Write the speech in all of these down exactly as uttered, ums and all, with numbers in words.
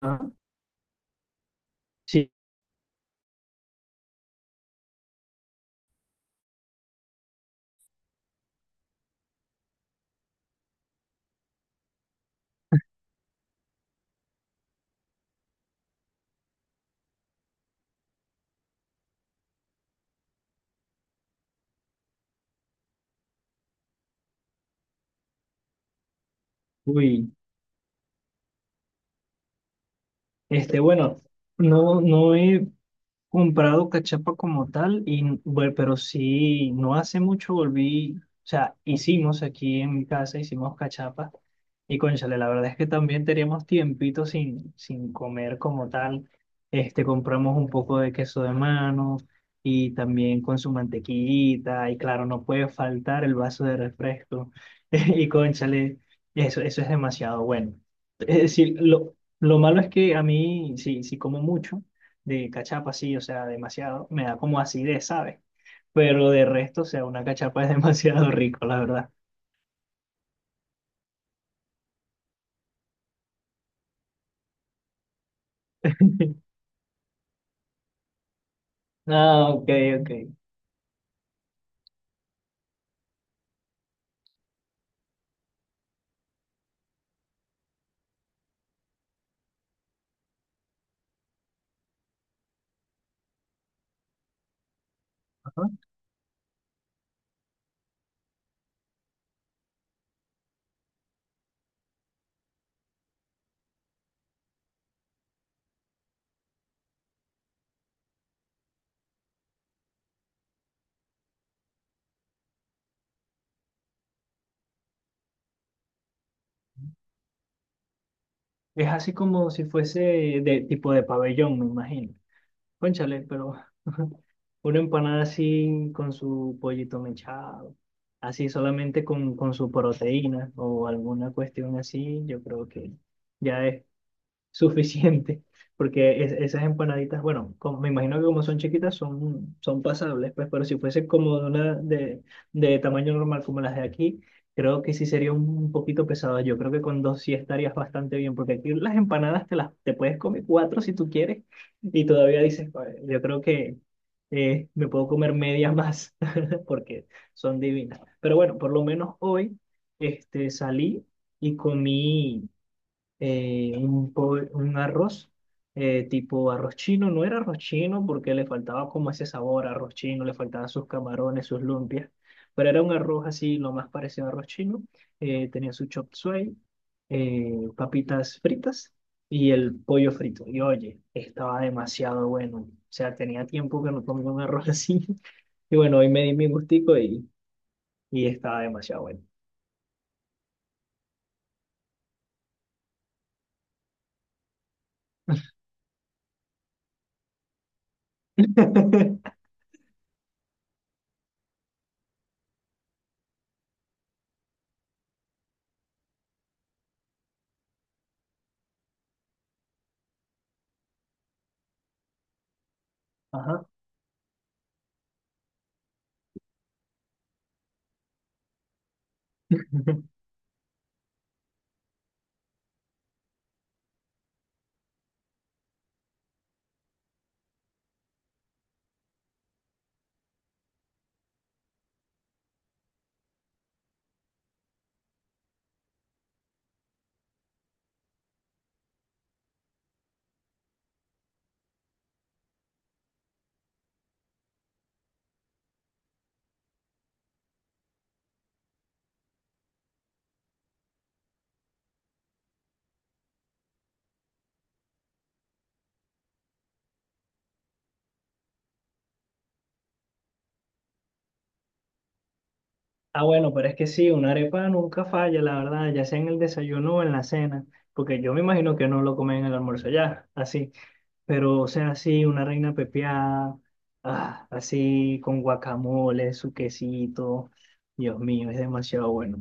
Ah, sí. uy, este, bueno, no, no he, comprado cachapa como tal, y bueno, pero sí, no hace mucho volví, o sea, hicimos aquí en mi casa, hicimos cachapa, y cónchale, la verdad es que también teníamos tiempito sin, sin comer como tal. Este, compramos un poco de queso de mano, y también con su mantequillita, y claro, no puede faltar el vaso de refresco, y cónchale, eso, eso es demasiado bueno. Es decir, lo, lo malo es que a mí, sí, sí como mucho, de cachapa, sí, o sea, demasiado, me da como acidez, ¿sabes? Pero de resto, o sea, una cachapa es demasiado rico, la verdad. Ah, ok, ok. Ajá. Es así como si fuese de tipo de pabellón, me imagino. Cónchale, pero una empanada así con su pollito mechado, así solamente con con su proteína o alguna cuestión así, yo creo que ya es suficiente, porque es- esas empanaditas, bueno, como, me imagino que como son chiquitas son, son pasables, pues, pero si fuese como de una de, de tamaño normal como las de aquí, creo que sí sería un poquito pesado. Yo creo que con dos sí estarías bastante bien, porque aquí las empanadas te las te puedes comer cuatro si tú quieres y todavía dices, "Joder, yo creo que eh, me puedo comer media más porque son divinas". Pero bueno, por lo menos hoy este, salí y comí eh, un, po- un arroz, eh, tipo arroz chino. No era arroz chino porque le faltaba como ese sabor a arroz chino, le faltaban sus camarones, sus lumpias, pero era un arroz así, lo más parecido a arroz chino. Eh, tenía su chop suey, eh, papitas fritas y el pollo frito. Y oye, estaba demasiado bueno. O sea, tenía tiempo que no comía un arroz así. Y bueno, hoy me di mi gustico y, y estaba demasiado bueno. Ajá. Ah, bueno, pero es que sí, una arepa nunca falla, la verdad, ya sea en el desayuno o en la cena, porque yo me imagino que no lo comen en el almuerzo ya, así, pero o sea, sí, una reina pepiada, ah, así, con guacamole, su quesito, Dios mío, es demasiado bueno.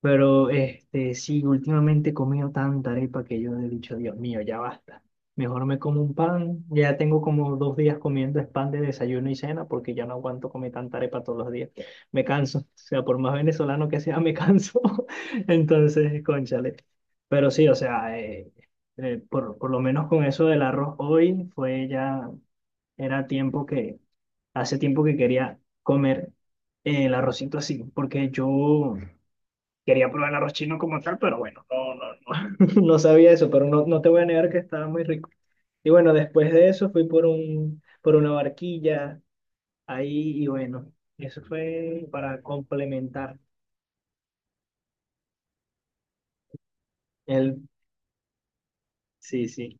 Pero este, sí, últimamente he comido tanta arepa que yo he dicho, Dios mío, ya basta. Mejor me como un pan. Ya tengo como dos días comiendo es pan de desayuno y cena porque ya no aguanto comer tanta arepa todos los días. Me canso. O sea, por más venezolano que sea, me canso. Entonces, cónchale. Pero sí, o sea, eh, eh, por, por lo menos con eso del arroz hoy fue ya, era tiempo que, hace tiempo que quería comer el arrocito así, porque yo... Quería probar el arroz chino como tal, pero bueno, no, no, no, no sabía eso, pero no, no te voy a negar que estaba muy rico. Y bueno, después de eso fui por un, por una barquilla ahí y bueno, eso fue para complementar el... Sí, sí.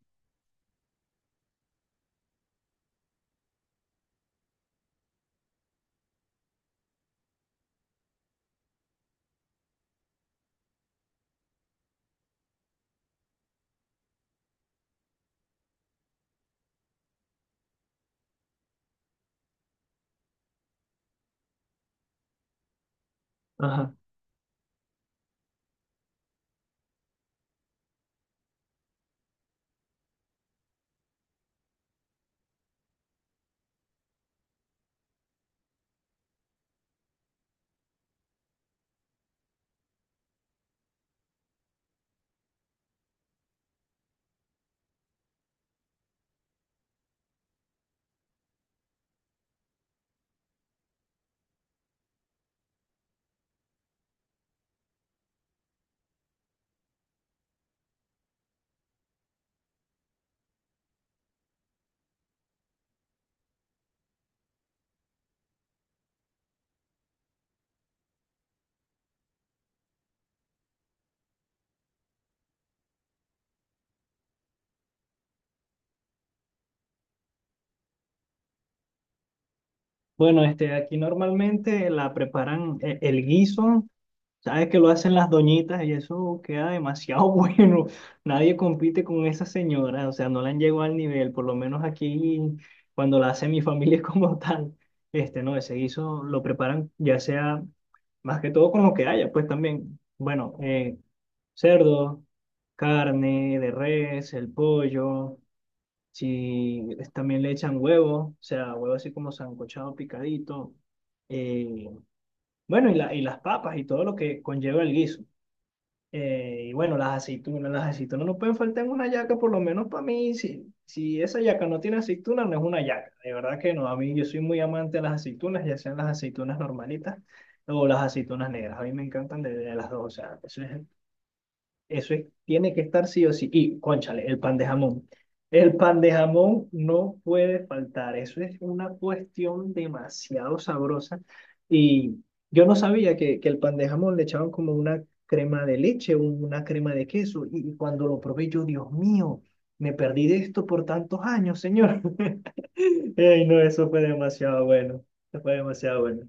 Ajá. Bueno, este, aquí normalmente la preparan eh, el guiso. Sabes que lo hacen las doñitas y eso queda demasiado bueno. Nadie compite con esa señora, o sea, no la han llegado al nivel, por lo menos aquí cuando la hace mi familia como tal. Este, no, ese guiso lo preparan ya sea más que todo con lo que haya, pues también, bueno, eh, cerdo, carne de res, el pollo, si es- también le echan huevo, o sea, huevo así como sancochado, picadito. eh, bueno, y la, y las papas y todo lo que conlleva el guiso. Eh, y bueno, las aceitunas, las aceitunas no pueden faltar en una yaca, por lo menos para mí. Si, si esa yaca no tiene aceitunas, no es una yaca. De verdad que no. A mí, yo soy muy amante de las aceitunas, ya sean las aceitunas normalitas o las aceitunas negras. A mí me encantan de, de las dos. O sea, eso es eso es, tiene que estar sí o sí. Y, cónchale, el pan de jamón. El pan de jamón no puede faltar. Eso es una cuestión demasiado sabrosa. Y yo no sabía que, que el pan de jamón le echaban como una crema de leche, un- una crema de queso. Y y cuando lo probé, yo, Dios mío, me perdí de esto por tantos años, señor. Ey, no, eso fue demasiado bueno. Eso fue demasiado bueno.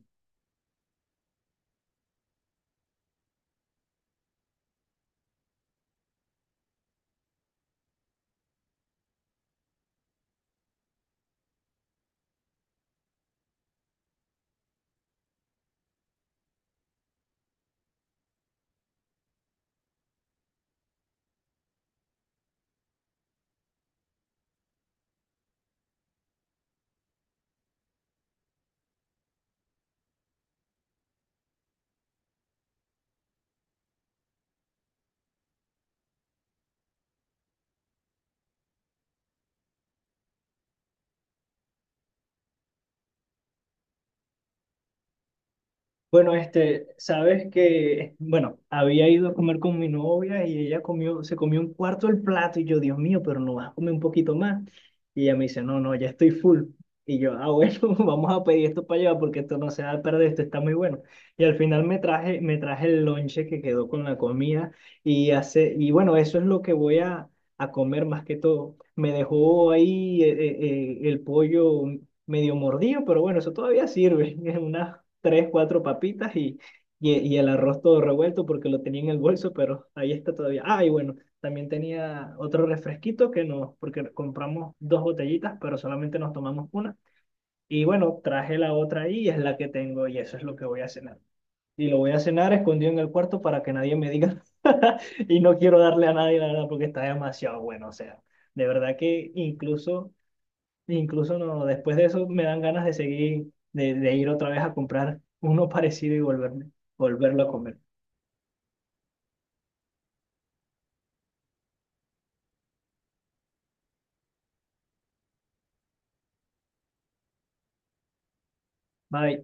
Bueno, este, sabes que, bueno, había ido a comer con mi novia y ella comió, se comió un cuarto del plato y yo, Dios mío, pero no vas a comer un poquito más. Y ella me dice, no, no, ya estoy full. Y yo, ah, bueno, vamos a pedir esto para allá porque esto no se va a perder, esto está muy bueno. Y al final me traje, me traje el lonche que quedó con la comida y hace, y bueno, eso es lo que voy a, a comer más que todo. Me dejó ahí eh, eh, eh, el pollo, medio mordido, pero bueno, eso todavía sirve. Unas tres, cuatro papitas y y, y el arroz todo revuelto porque lo tenía en el bolso, pero ahí está todavía. Ah, y bueno, también tenía otro refresquito que nos, porque compramos dos botellitas, pero solamente nos tomamos una. Y bueno, traje la otra ahí y es la que tengo y eso es lo que voy a cenar. Y lo voy a cenar escondido en el cuarto para que nadie me diga. Y no quiero darle a nadie, la verdad, porque está demasiado bueno. O sea, de verdad que incluso e incluso no, después de eso me dan ganas de seguir, de, de ir otra vez a comprar uno parecido y volverme, volverlo a comer. Bye.